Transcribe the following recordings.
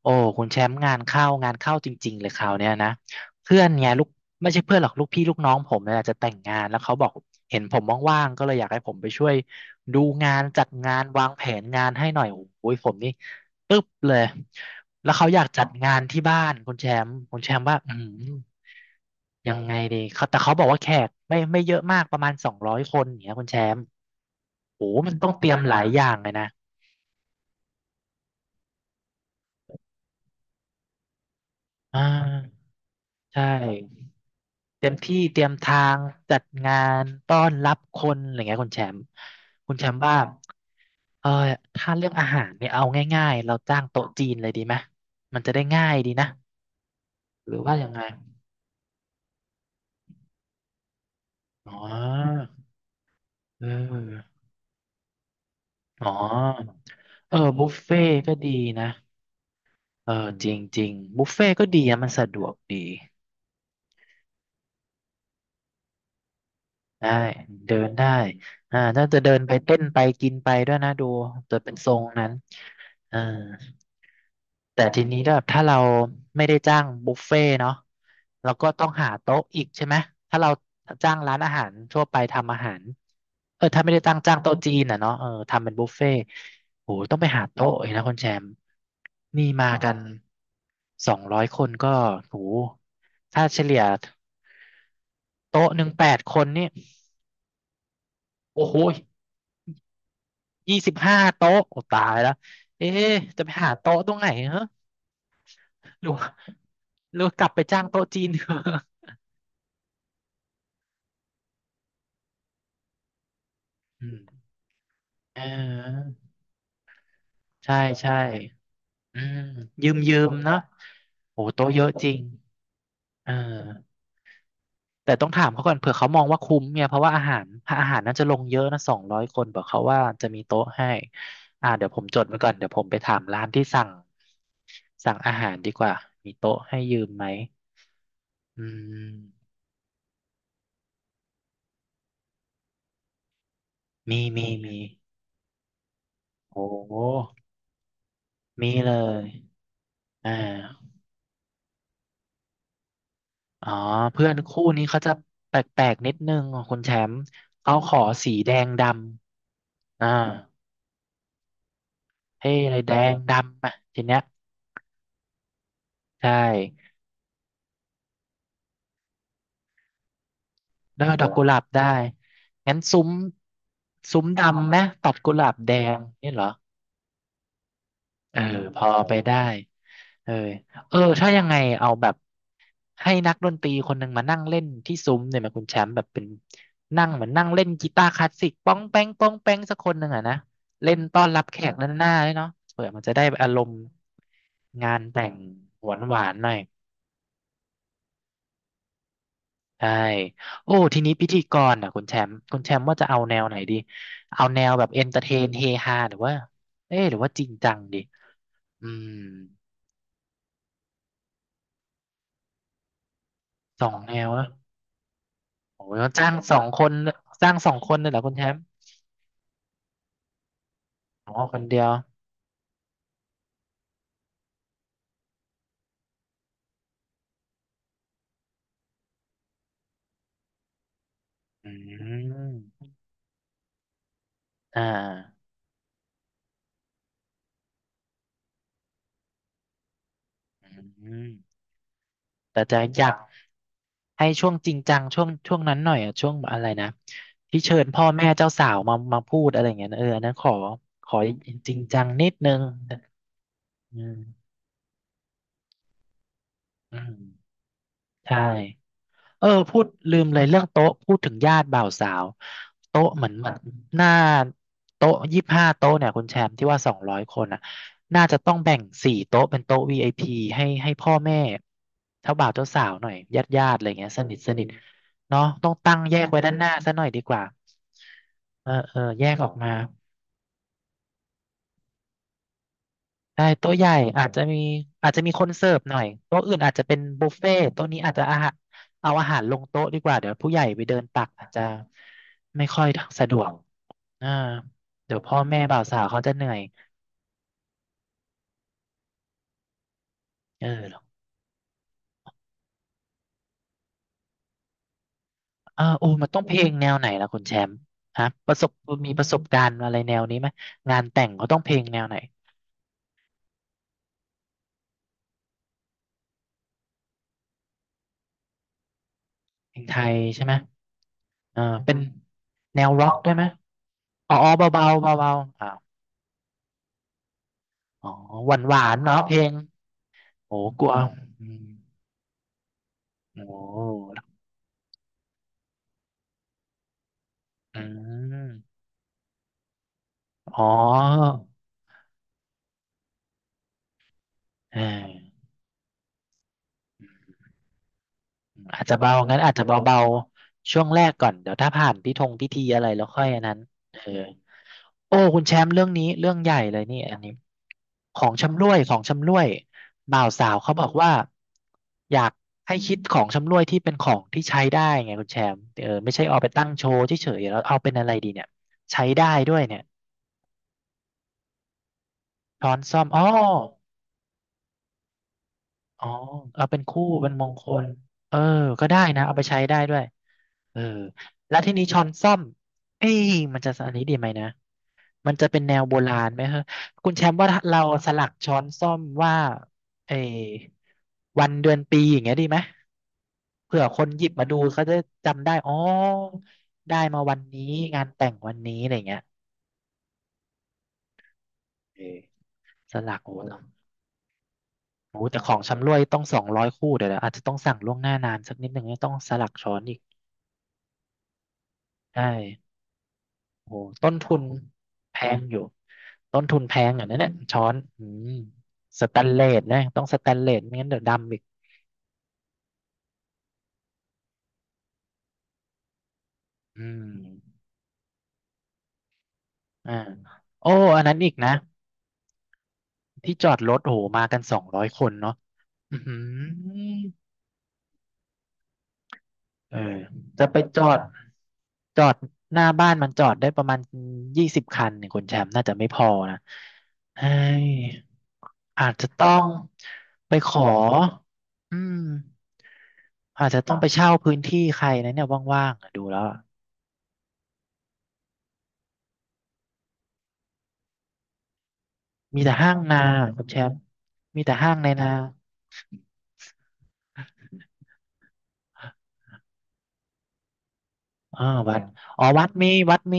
โอ้คุณแชมป์งานเข้างานเข้าจริงๆเลยคราวเนี้ยนะเพื่อนไงลูกไม่ใช่เพื่อนหรอกลูกพี่ลูกน้องผมเนี่ยจะแต่งงานแล้วเขาบอกเห็นผมว่างๆก็เลยอยากให้ผมไปช่วยดูงานจัดงานวางแผนงานให้หน่อยโอ้ยผมนี่ปึ๊บเลยแล้วเขาอยากจัดงานที่บ้านคุณแชมป์คุณแชมป์ว่ายังไงดีเขาแต่เขาบอกว่าแขกไม่เยอะมากประมาณสองร้อยคนอย่างเงี้ยคุณแชมป์โอ้มันต้องเตรียมหลายอย่างเลยนะอ่าใช่ เตรียมที่เตรียมทางจัดงานต้อนรับคนอะไรเงี้ยคุณแชมป์คุณแชมป์ว่าเออถ้าเรื่องอาหารเนี่ยเอาง่ายๆเราจ้างโต๊ะจีนเลยดีไหมมันจะได้ง่ายดีนะหรือว่ายังไงอ๋อเอออ๋อเออบุฟเฟ่ก็ดีนะเออจริงจริงบุฟเฟ่ก็ดีอะมันสะดวกดีได้เดินได้อ่าน่าจะเดินไปเต้นไปกินไปด้วยนะดูจะเป็นทรงนั้นอ่า แต่ทีนี้แบบถ้าเราไม่ได้จ้างบุฟเฟ่ต์เนาะเราก็ต้องหาโต๊ะอีกใช่ไหมถ้าเราจ้างร้านอาหารทั่วไปทำอาหารเออถ้าไม่ได้ตั้งจ้างโต๊ะจีนอ่ะเนาะเออทำเป็นบุฟเฟ่ต์โหต้องไปหาโต๊ะอีกนะคุณแชมป์นี่มากันสองร้อยคนก็โหถ้าเฉลี่ยโต๊ะ 1 8 คนนี่โอ้โหยี่สิบห้าโต๊ะโอ้ตายแล้วเอ๊ะจะไปหาโต๊ะตรงไหนเหรอหรือว่าหรือว่ากลับไปจ้างโต๊ะจีนเถอะ อืมอ่าใช่ใช่อืมยืมเนอะโอ้โต๊ะเยอะจริงเออแต่ต้องถามเขาก่อนเผื่อเขามองว่าคุ้มเนี่ยเพราะว่าอาหารถ้าอาหารน่าจะลงเยอะนะสองร้อยคนบอกเขาว่าจะมีโต๊ะให้อ่าเดี๋ยวผมจดไว้ก่อนเดี๋ยวผมไปถามร้านที่สั่งอาหารดีกว่ามีโต๊ะให้ยืมไหมอืมมีโอ้มีเลยอ่า อ๋อเพื่อนคู่นี้เขาจะแปลกๆนิดนึงอ่ะคุณแชมป์เขาขอสีแดงดำอ่าเท่เลยแดงดำอ่ะทีเนี้ยใช่แล้วก็ดอกกุหลาบได้งั้นซุ้มซุ้มดำไหมตัดกุหลาบแดงนี่เหรอเออพอไปได้ เออเออถ้ายังไงเอาแบบให้นักดนตรีคนหนึ่งมานั่งเล่นที่ซุ้มเนี่ยไหมาคุณแชมป์แบบเป็นนั่งเหมือนนั่งเล่นกีตาร์คลาสสิกป้องแป้งป้องแป้งสักคนหนึ่งอะนะเล่นต้อนรับแขกด้านหน้าด้ยเนาะเผื่อมันจะได้อารมณ์งานแต่งหวานหวานหน่อยใช่โอ้ทีนี้พิธีกรอ่ะคุณแชมป์คุณแชมป์ว่าจะเอาแนวไหนดีเอาแนวแบบเอนเตอร์เทนเฮฮาหรือว่าเอ๊ะหรือว่าจริงจังดีอืมสองแนวนะ โอ้ยเขาจ้างสองคนจ้างสองคนเลยเหรอคุณแชมป์อ๋อคนเดียวอืมอ่าอืมแต่จะอยากให้ช่วงจริงจังช่วงช่วงนั้นหน่อยอะช่วงอะไรนะที่เชิญพ่อแม่เจ้าสาวมามาพูดอะไรอย่างเงี้ยนะเอออันนั้นขอขอจริงจังนิดนึงอืมอืมใช่ เออพูดลืมเลยเรื่องโต๊ะพูดถึงญาติบ่าวสาวโต๊ะเหมือนเหมือนหน้าโต๊ะยี่สิบห้าโต๊ะเนี่ยคุณแชมป์ที่ว่าสองร้อยคนอ่ะน่าจะต้องแบ่ง4 โต๊ะเป็นโต๊ะ VIP ให้พ่อแม่เจ้าบ่าวเจ้าสาวหน่อยญาติญาติอะไรเงี้ยสนิทสนิทเนาะต้องตั้งแยกไว้ด้านหน้าซะหน่อยดีกว่าเออเออแยกออกมา ใช่โต๊ะใหญ่อาจจะมีอาจจะมีคนเสิร์ฟหน่อยโต๊ะอื่นอาจจะเป็นบุฟเฟ่ต์โต๊ะนี้อาจจะอาหารเอาอาหารลงโต๊ะดีกว่าเดี๋ยวผู้ใหญ่ไปเดินตักอาจจะไม่ค่อยสะดวกอ่าเดี๋ยวพ่อแม่บ่าวสาวเขาจะเหนื่อยเออเออโอ้มันต้องเพลงแนวไหนล่ะคุณแชมป์ฮะประสบมีประสบการณ์อะไรแนวนี้ไหมงานแต่งเขาต้องเพลงแนวไหนเพลงไทยใช่ไหมเออเป็นแนวร็อกด้วยไหมอ๋อเบาๆเบาๆอ่าวอ๋อหวานๆเนาะเพลงโอ้กลัวอืม โอ้อืมอ๋ออ่าอาจจะเบางั้นอาจจะเบาๆช่วงแรกก่อนเดี๋ยวถ้าผ่านพิธงพิธีอะไรแล้วค่อยอันนั้นเออโอ้คุณแชมป์เรื่องนี้เรื่องใหญ่เลยนี่อันนี้ของชำร่วยของชำร่วยบ่าวสาวเขาบอกว่าอยากให้คิดของชำร่วยที่เป็นของที่ใช้ได้ไงคุณแชมป์เออไม่ใช่เอาไปตั้งโชว์เฉยๆแล้วเอาเป็นอะไรดีเนี่ยใช้ได้ด้วยเนี่ยช้อนซ่อมอ๋อ อ๋อเอาเป็นคู่เป็นมงคลเออก็ได้นะเอาไปใช้ได้ด้วยเออแล้วทีนี้ช้อนส้อมเอ้ยมันจะอันนี้ดีไหมนะมันจะเป็นแนวโบราณไหมฮะคุณแชมป์ว่าเราสลักช้อนส้อมว่าเออวันเดือนปีอย่างเงี้ยดีไหมเผื่อคนหยิบมาดูเขาจะจำได้อ๋อได้มาวันนี้งานแต่งวันนี้อะไรเงี้ยเออสลักโอ้โหโอ้โหแต่ของชำร่วยต้อง200 คู่เดี๋ยวอาจจะต้องสั่งล่วงหน้านานสักนิดหนึ่งเนี่ยต้องสลักช้อนอีกใช่ โอ้โหต้นทุนแพงอยู่ต้นทุนแพงอ่ะนั่นแหละช้อนอืมสแตนเลสนะต้องสแตนเลสไม่งั้นเดี๋ยวดำอีกอืมอ่าโอ้อันนั้นอีกนะที่จอดรถโอ้หมากัน200 คนเนาะอือหือเออจะไปจอดจอดหน้าบ้านมันจอดได้ประมาณ20 คันเนี่ยคุณแชมป์น่าจะไม่พอนะเฮ้ย อาจจะต้องไปขออืมอาจจะต้องไปเช่าพื้นที่ใครนะเนี่ยว่างๆอะดูแล้วอะมีแต่ห้างนาคุณแชมป์มีแต่ห้างในนาอ่าวัดอ๋อวัดมีวัดมี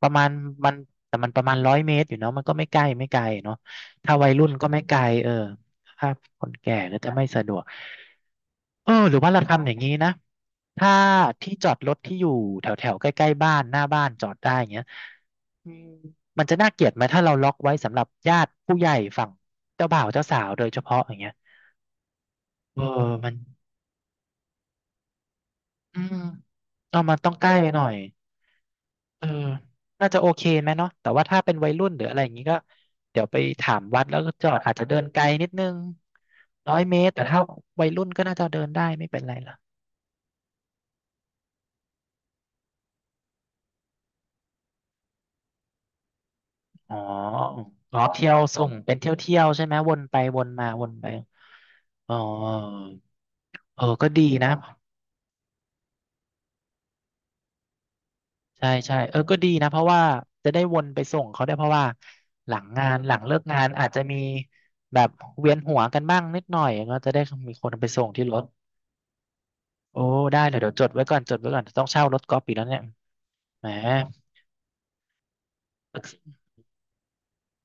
ประมาณมันแต่มันประมาณร้อยเมตรอยู่เนาะมันก็ไม่ใกล้ไม่ไกลเนาะถ้าวัยรุ่นก็ไม่ไกลเออถ้าคนแก่ก็จะไม่สะดวกเออหรือว่าเราทำอย่างนี้นะถ้าที่จอดรถที่อยู่แถวแถวใกล้ๆบ้านหน้าบ้านจอดได้อย่างเงี้ย อืมมันจะน่าเกลียดไหมถ้าเราล็อกไว้สำหรับญาติผู้ใหญ่ฝั่งเจ้าบ่าวเจ้าสาวโดยเฉพาะอย่างเงี้ยเออมันอืมเอามันต้องใกล้หน่อยเออน่าจะโอเคไหมเนาะแต่ว่าถ้าเป็นวัยรุ่นหรืออะไรอย่างงี้ก็เดี๋ยวไปถามวัดแล้วก็จอดอาจจะเดินไกลนิดนึงร้อยเมตรแต่ถ้าวัยรุ่นก็น่าจะเดินได้ไม่เป็นไรหรอกอ๋ออ๋อเที่ยวส่งเป็นเที่ยวเที่ยวใช่ไหมวนไปวนมาวนไปอ๋อเออก็ดีนะ ใช่ใช่เออก็ดีนะเพราะว่าจะได้วนไปส่งเขาได้วยเพราะว่าหลังงานหลังเลิกงานอาจจะมีแบบเวียนหัวกันบ้างนิดหน่อยก็จะได้มีคนไปส่งที่รถโอ้ได้เลยเดี๋ยวจดไว้ก่อนจดไว้ก่อนต้องเช่ารถกอล์ฟอีกแล้วเนี่ยแหม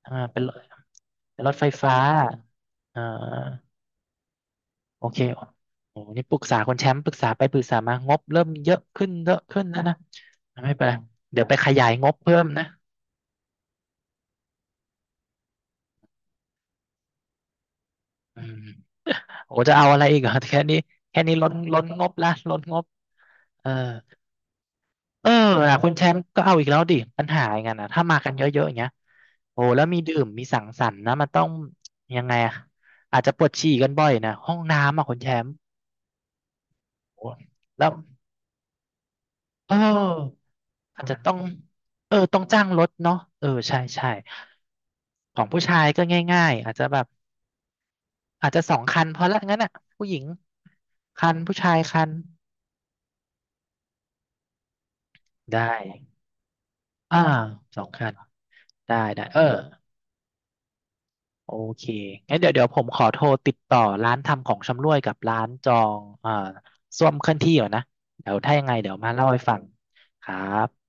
อ่าเป็นรถไฟฟ้าอ่าโอเคโอ้นี่ปรึกษาคนแชมป์ปรึกษาไปปรึกษามางบเริ่มเยอะขึ้นเยอะขึ้นนะนะไม่เป็นไรเดี๋ยวไปขยายงบเพิ่มนะอืมโอ้จะเอาอะไรอีกเหรอแค่นี้แค่นี้ล้นล้นงบละล้นงบ เออเออนะคุณแชมป์ก็เอาอีกแล้วดิปัญหาอย่างนั้นนะถ้ามากันเยอะๆอย่างเงี้ยโอ้แล้วมีดื่มมีสังสรรค์นะมันต้องยังไงอะอาจจะปวดฉี่กันบ่อยนะห้องน้ำอ่ะคุณแชมป์โอ้แล้วเอออาจจะต้องเออต้องจ้างรถเนาะเออใช่ใช่ของผู้ชายก็ง่ายๆอาจจะแบบอาจจะสองคันพอละงั้นอ่ะผู้หญิงคันผู้ชายคันได้ อ่าสองคันได้ได้เออ โอเคงั้นเดี๋ยวผมขอโทรติดต่อร้านทำของชำร่วยกับร้านจองส้วมเคลื่อนที่ก่อนนะ เดี๋ยวถ้ายังไงเดี๋ยวมาเล่าให้ฟังครับ